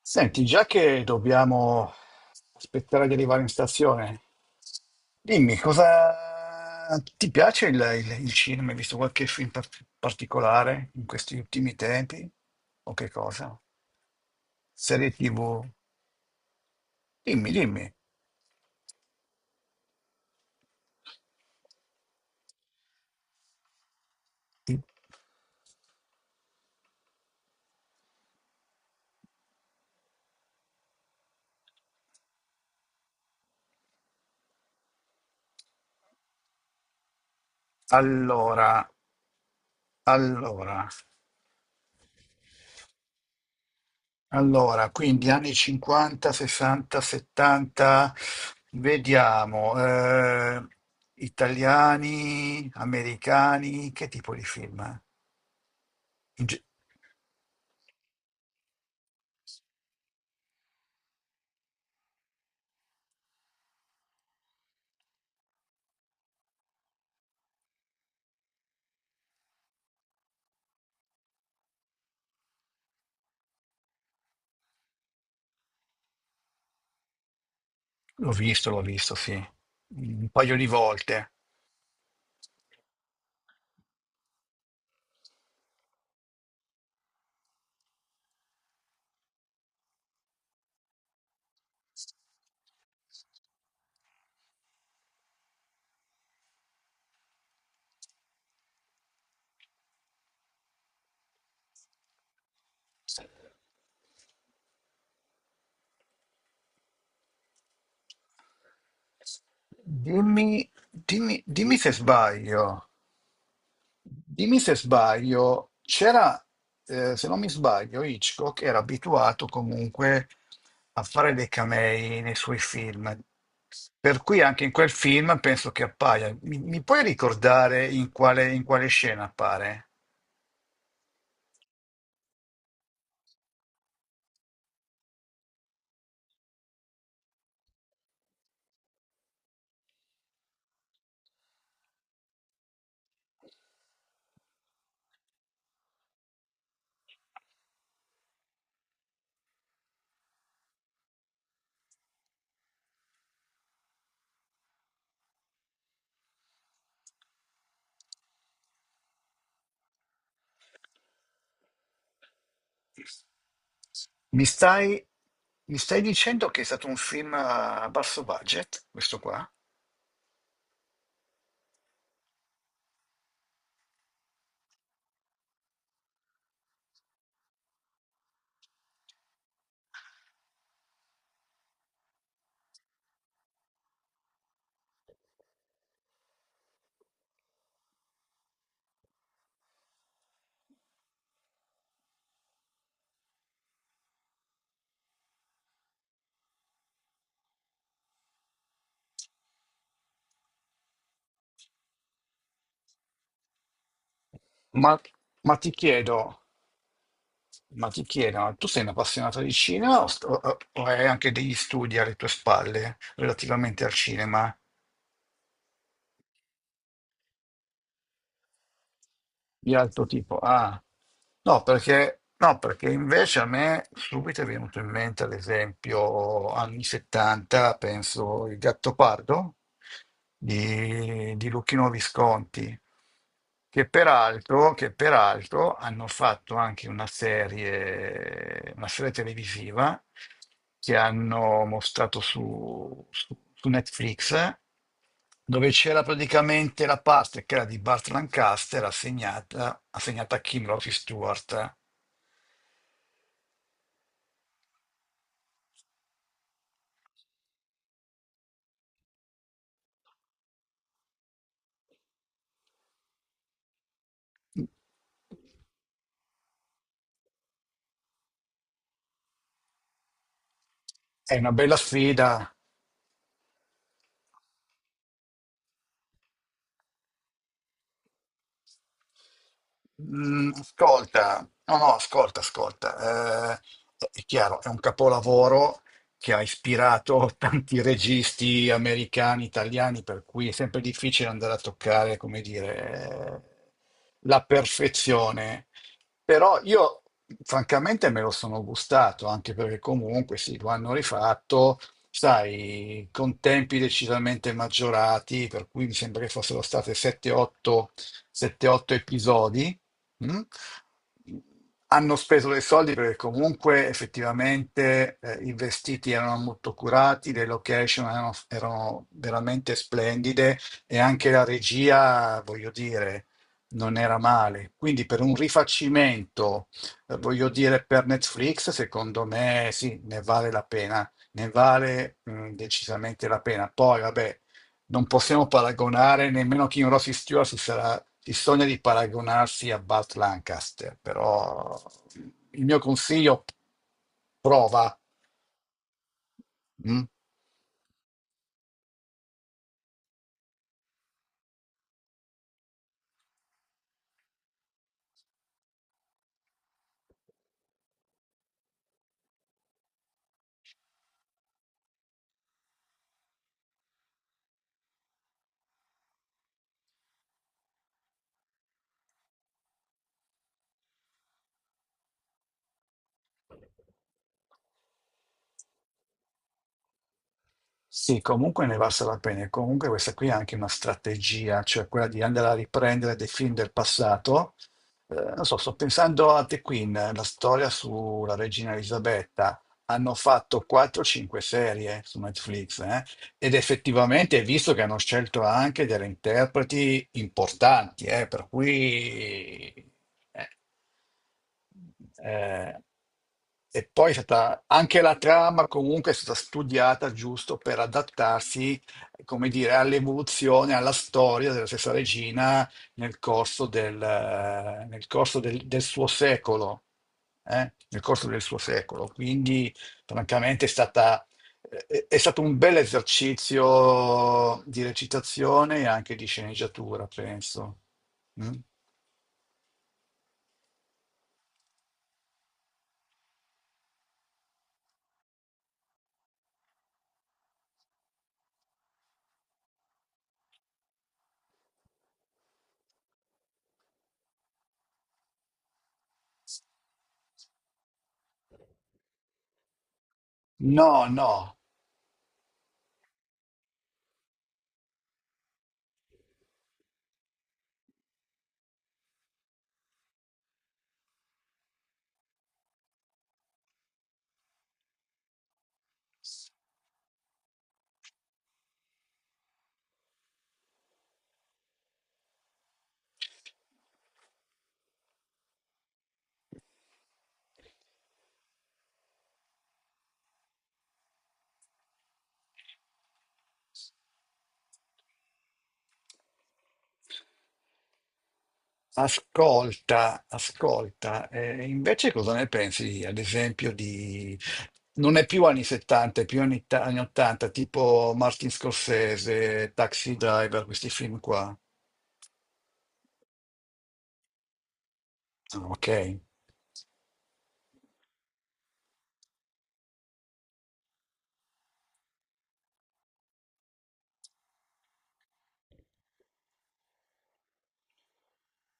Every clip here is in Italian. Senti, già che dobbiamo aspettare di arrivare in stazione, dimmi cosa ti piace il cinema? Hai visto qualche film particolare in questi ultimi tempi? O che cosa? Serie TV? Dimmi, dimmi. Allora, allora. Allora, quindi anni 50, 60, 70, vediamo, italiani, americani, che tipo di film? In ge- l'ho visto, sì, un paio di volte. Dimmi, dimmi, dimmi se sbaglio. Dimmi se sbaglio, se non mi sbaglio, Hitchcock era abituato comunque a fare dei camei nei suoi film, per cui anche in quel film penso che appaia. Mi puoi ricordare in quale scena appare? Mi stai, mi stai dicendo che è stato un film a basso budget, questo qua? Ma, ma ti chiedo. Ma ti chiedo, ma tu sei un appassionato di cinema o, o hai anche degli studi alle tue spalle relativamente al cinema? Di altro tipo. Ah, no, perché invece a me subito è venuto in mente, ad esempio, anni 70, penso, Il Gattopardo di Luchino Visconti, che peraltro hanno fatto anche una serie televisiva che hanno mostrato su Netflix, dove c'era praticamente la parte che era di Burt Lancaster assegnata a Kim Rossi Stewart. È una bella sfida. Mm, ascolta, no, no, ascolta, ascolta. È chiaro, è un capolavoro che ha ispirato tanti registi americani, italiani, per cui è sempre difficile andare a toccare, come dire, la perfezione. Però io, francamente, me lo sono gustato, anche perché comunque sì, lo hanno rifatto, sai, con tempi decisamente maggiorati, per cui mi sembra che fossero state 7-8 episodi, mm? Hanno speso dei soldi perché comunque effettivamente i vestiti erano molto curati, le location erano veramente splendide, e anche la regia, voglio dire, non era male. Quindi per un rifacimento, voglio dire, per Netflix, secondo me sì, ne vale la pena, decisamente la pena. Poi, vabbè, non possiamo paragonare nemmeno King Rossi Stewart si sogna di paragonarsi a Burt Lancaster, però il mio consiglio: prova. Mm? Sì, comunque ne valsa la pena. E comunque questa qui è anche una strategia, cioè quella di andare a riprendere dei film del passato. Non so, sto pensando a The Queen, la storia sulla regina Elisabetta. Hanno fatto 4-5 serie su Netflix, eh? Ed effettivamente hai visto che hanno scelto anche delle interpreti importanti, per cui... eh, eh, e poi è stata, anche la trama comunque è stata studiata giusto per adattarsi, come dire, all'evoluzione, alla storia della stessa regina del suo secolo. Nel corso del suo secolo. Quindi, francamente, è stata, è stato un bel esercizio di recitazione e anche di sceneggiatura, penso. Mm? No, no, ascolta, ascolta. Invece cosa ne pensi, ad esempio, di... Non è più anni 70, è più anni, anni 80, tipo Martin Scorsese, Taxi Driver, questi film qua. Ah, ok.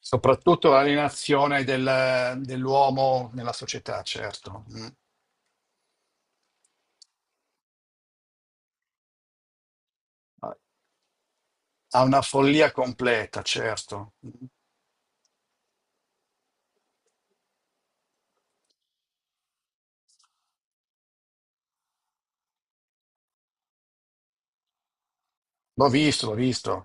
Soprattutto l'alienazione dell'uomo nella società, certo. Mm. Ha una follia completa, certo. L'ho visto, l'ho visto.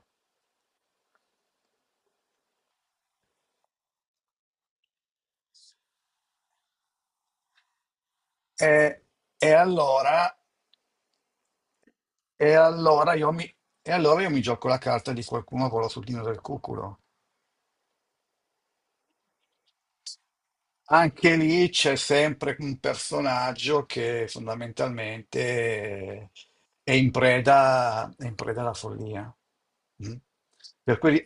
E, e allora, e, allora io mi, e allora io mi gioco la carta di qualcuno con la sudina del cuculo. Anche lì c'è sempre un personaggio che fondamentalmente è in preda alla follia. Mm. Per cui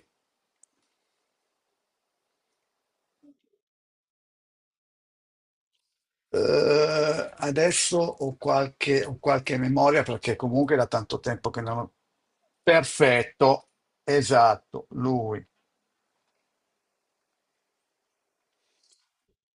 Adesso ho qualche memoria, perché comunque da tanto tempo che non ho... Perfetto, esatto, lui.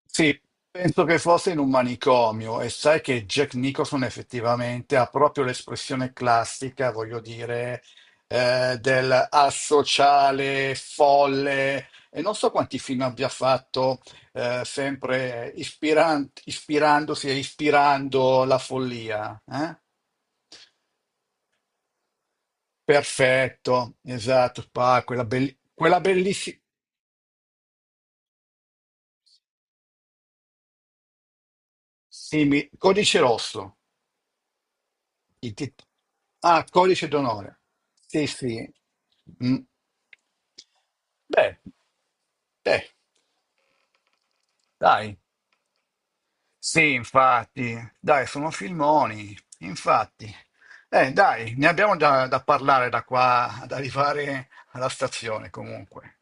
Sì, penso che fosse in un manicomio, e sai che Jack Nicholson effettivamente ha proprio l'espressione classica, voglio dire, del asociale, folle, e non so quanti film abbia fatto, sempre ispirandosi e ispirando la follia. Eh? Perfetto, esatto, quella, bellissima. Codice Rosso. I tit- ah, Codice d'onore. Sì, sì. Mm. Beh, beh, dai. Sì, infatti. Dai, sono filmoni. Infatti. Dai, ne abbiamo da parlare da qua ad arrivare alla stazione comunque.